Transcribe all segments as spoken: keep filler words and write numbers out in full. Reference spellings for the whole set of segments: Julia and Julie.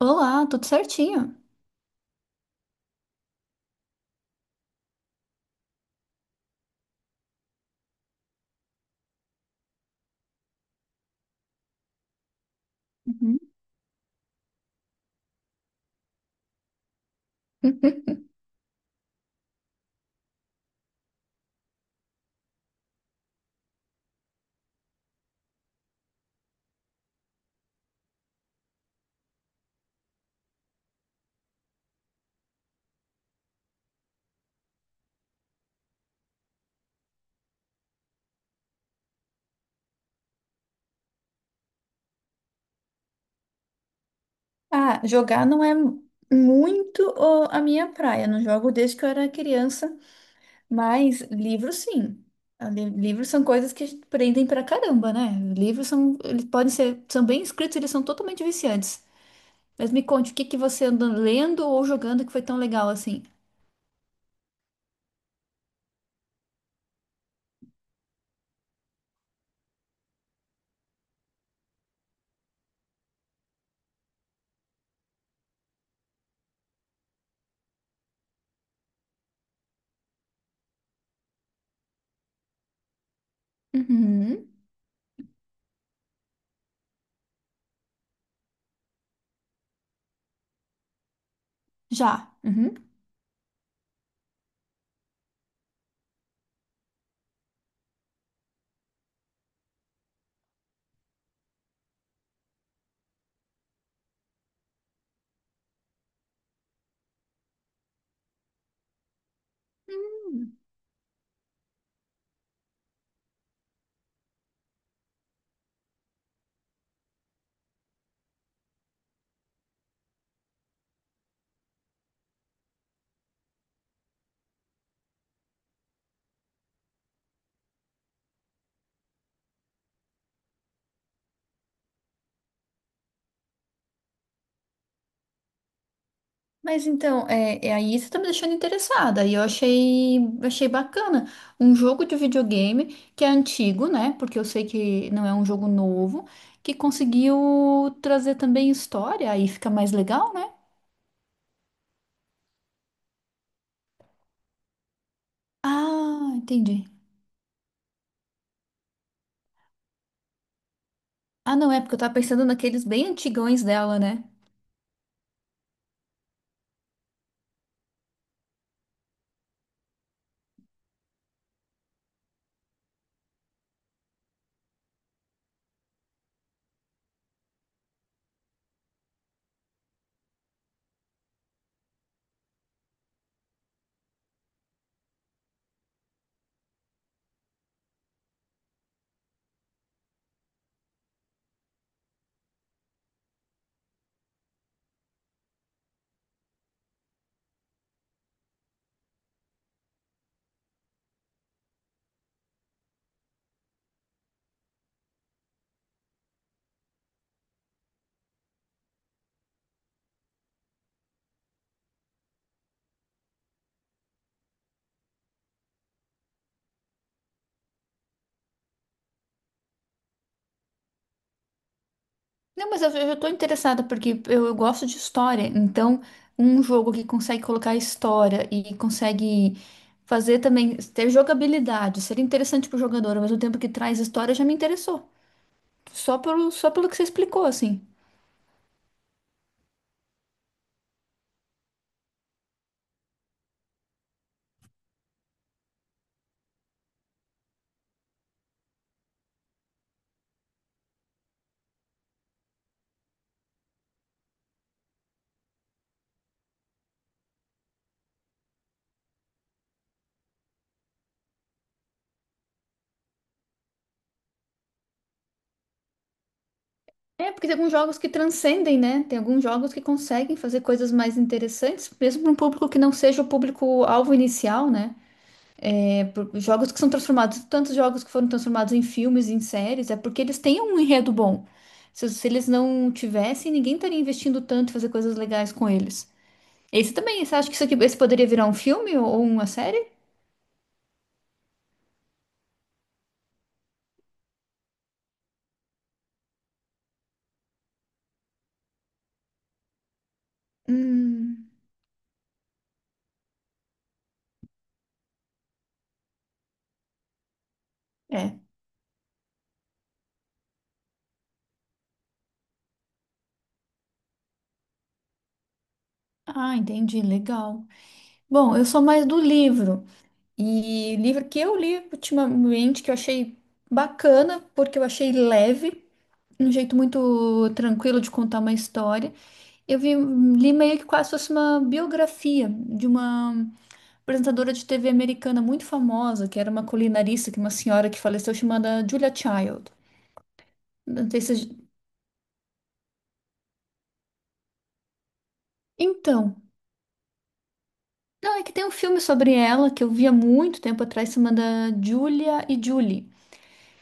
Olá, tudo certinho? Uhum. Ah, jogar não é muito o- a minha praia. Não jogo desde que eu era criança, mas livros sim. Ah, li- Livros são coisas que prendem pra caramba, né? Livros são, eles podem ser, são bem escritos, eles são totalmente viciantes. Mas me conte, o que que você anda lendo ou jogando que foi tão legal assim? Uhum. Já. Uhum. Mas então, é, é aí você tá me deixando interessada. E eu achei, achei bacana. Um jogo de videogame que é antigo, né? Porque eu sei que não é um jogo novo, que conseguiu trazer também história, aí fica mais legal, né? Ah, entendi. Ah, não, é porque eu tava pensando naqueles bem antigões dela, né? Não, mas eu, eu tô interessada porque eu, eu gosto de história. Então, um jogo que consegue colocar história e consegue fazer também ter jogabilidade, seria interessante pro jogador, ao mesmo tempo que traz história, já me interessou. Só pelo, só pelo que você explicou, assim. É, porque tem alguns jogos que transcendem, né? Tem alguns jogos que conseguem fazer coisas mais interessantes, mesmo para um público que não seja o público-alvo inicial, né? É, por- jogos que são transformados, tantos jogos que foram transformados em filmes, em séries, é porque eles têm um enredo bom. Se, se eles não tivessem, ninguém estaria investindo tanto em fazer coisas legais com eles. Esse também, você acha que isso aqui, esse poderia virar um filme ou, ou uma série? Hum, é. Ah, entendi, legal. Bom, eu sou mais do livro. E livro que eu li ultimamente, que eu achei bacana, porque eu achei leve, um jeito muito tranquilo de contar uma história. Eu vi, li meio que quase fosse uma biografia de uma apresentadora de T V americana muito famosa, que era uma culinarista, que é uma senhora que faleceu chamada Julia Child. Não sei se... Então, não, é que tem um filme sobre ela que eu via muito tempo atrás chamada Julia e Julie,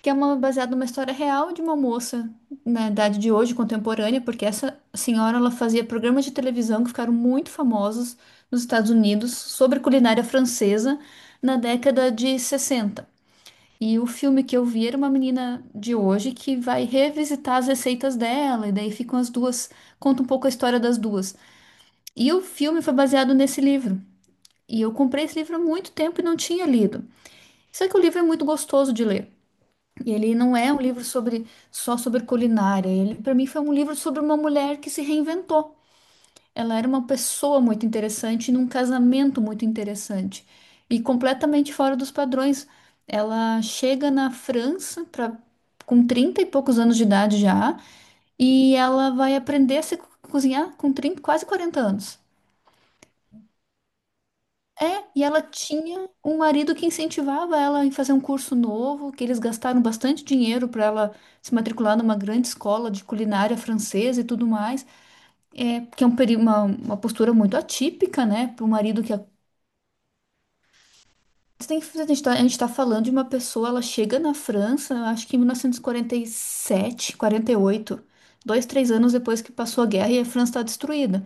que é uma baseada numa história real de uma moça na idade de hoje, contemporânea, porque essa senhora ela fazia programas de televisão que ficaram muito famosos nos Estados Unidos sobre culinária francesa na década de sessenta. E o filme que eu vi era uma menina de hoje que vai revisitar as receitas dela, e daí ficam as duas, conta um pouco a história das duas. E o filme foi baseado nesse livro. E eu comprei esse livro há muito tempo e não tinha lido. Só que o livro é muito gostoso de ler. E ele não é um livro sobre só sobre culinária. Ele, para mim, foi um livro sobre uma mulher que se reinventou. Ela era uma pessoa muito interessante, num casamento muito interessante e completamente fora dos padrões. Ela chega na França pra, com trinta e poucos anos de idade já, e ela vai aprender a se co- cozinhar com trinta, quase quarenta anos. É, e ela tinha um marido que incentivava ela em fazer um curso novo, que eles gastaram bastante dinheiro para ela se matricular numa grande escola de culinária francesa e tudo mais. É, que é um, peri- uma, uma postura muito atípica, né, para o marido que... A Você tem que a gente está a gente tá falando de uma pessoa, ela chega na França, acho que em mil novecentos e quarenta e sete, quarenta e oito, dois, três anos depois que passou a guerra e a França está destruída.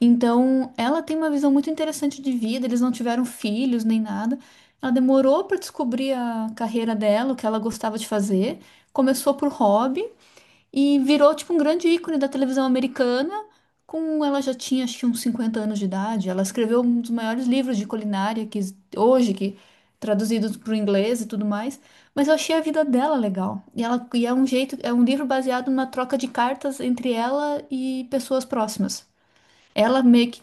Então, ela tem uma visão muito interessante de vida, eles não tiveram filhos nem nada. Ela demorou para descobrir a carreira dela, o que ela gostava de fazer. Começou por hobby e virou tipo um grande ícone da televisão americana. Com ela já tinha acho que uns cinquenta anos de idade. Ela escreveu um dos maiores livros de culinária que ex- hoje que traduzidos para o inglês e tudo mais. Mas eu achei a vida dela legal. E ela e é um jeito, é um livro baseado na troca de cartas entre ela e pessoas próximas. Ela meio que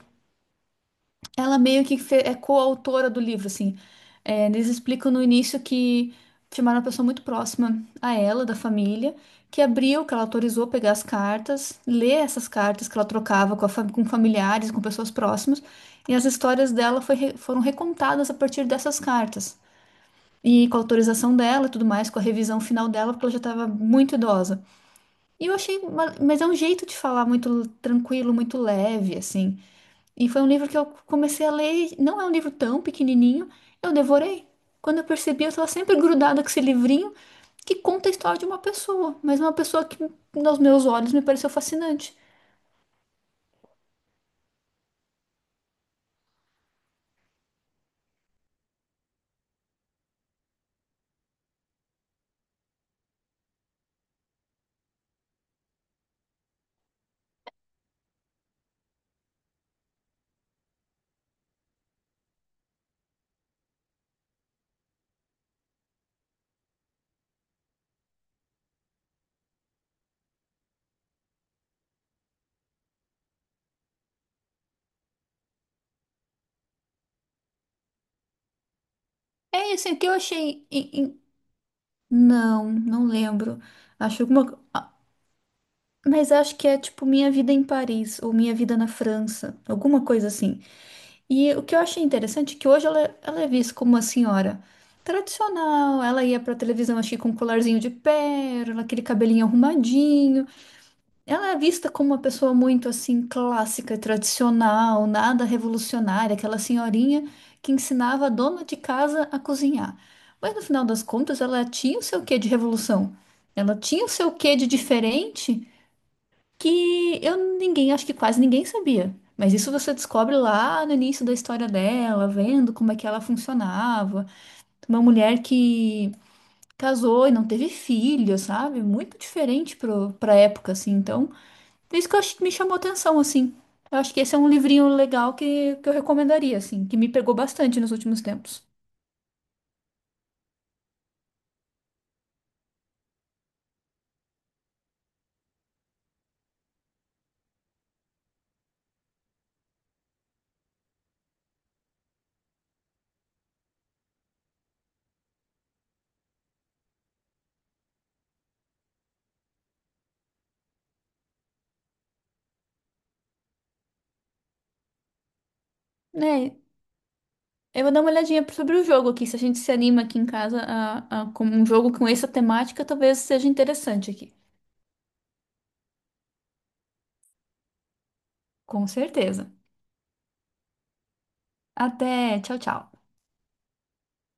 ela meio que fe- é coautora do livro, assim. É, eles explicam no início que chamaram uma pessoa muito próxima a ela, da família, que abriu, que ela autorizou pegar as cartas, ler essas cartas que ela trocava com, a fa- com familiares, com pessoas próximas, e as histórias dela foi re- foram recontadas a partir dessas cartas. E com a autorização dela e tudo mais, com a revisão final dela, porque ela já estava muito idosa. E eu achei, uma- mas é um jeito de falar muito tranquilo, muito leve, assim. E foi um livro que eu comecei a ler, e não é um livro tão pequenininho, eu devorei. Quando eu percebi, eu estava sempre grudada com esse livrinho que conta a história de uma pessoa, mas uma pessoa que, nos meus olhos, me pareceu fascinante. É esse que eu achei em- em- não, não lembro. Acho alguma. Ah, mas acho que é tipo Minha Vida em Paris ou Minha Vida na França, alguma coisa assim. E o que eu achei interessante é que hoje ela, é, ela é vista como uma senhora tradicional. Ela ia pra televisão, acho que com um colarzinho de pérola, aquele cabelinho arrumadinho. Ela é vista como uma pessoa muito assim clássica, tradicional, nada revolucionária, aquela senhorinha que ensinava a dona de casa a cozinhar. Mas no final das contas, ela tinha o seu quê de revolução. Ela tinha o seu quê de diferente que eu ninguém, acho que quase ninguém sabia. Mas isso você descobre lá no início da história dela, vendo como é que ela funcionava. Uma mulher que casou e não teve filho, sabe? Muito diferente pro, pra época, assim. Então, por isso que eu acho que me chamou atenção, assim. Eu acho que esse é um livrinho legal que, que eu recomendaria, assim, que me pegou bastante nos últimos tempos. Né? Eu vou dar uma olhadinha sobre o jogo aqui. Se a gente se anima aqui em casa a, a, com um jogo com essa temática, talvez seja interessante aqui. Com certeza. Até, tchau, tchau.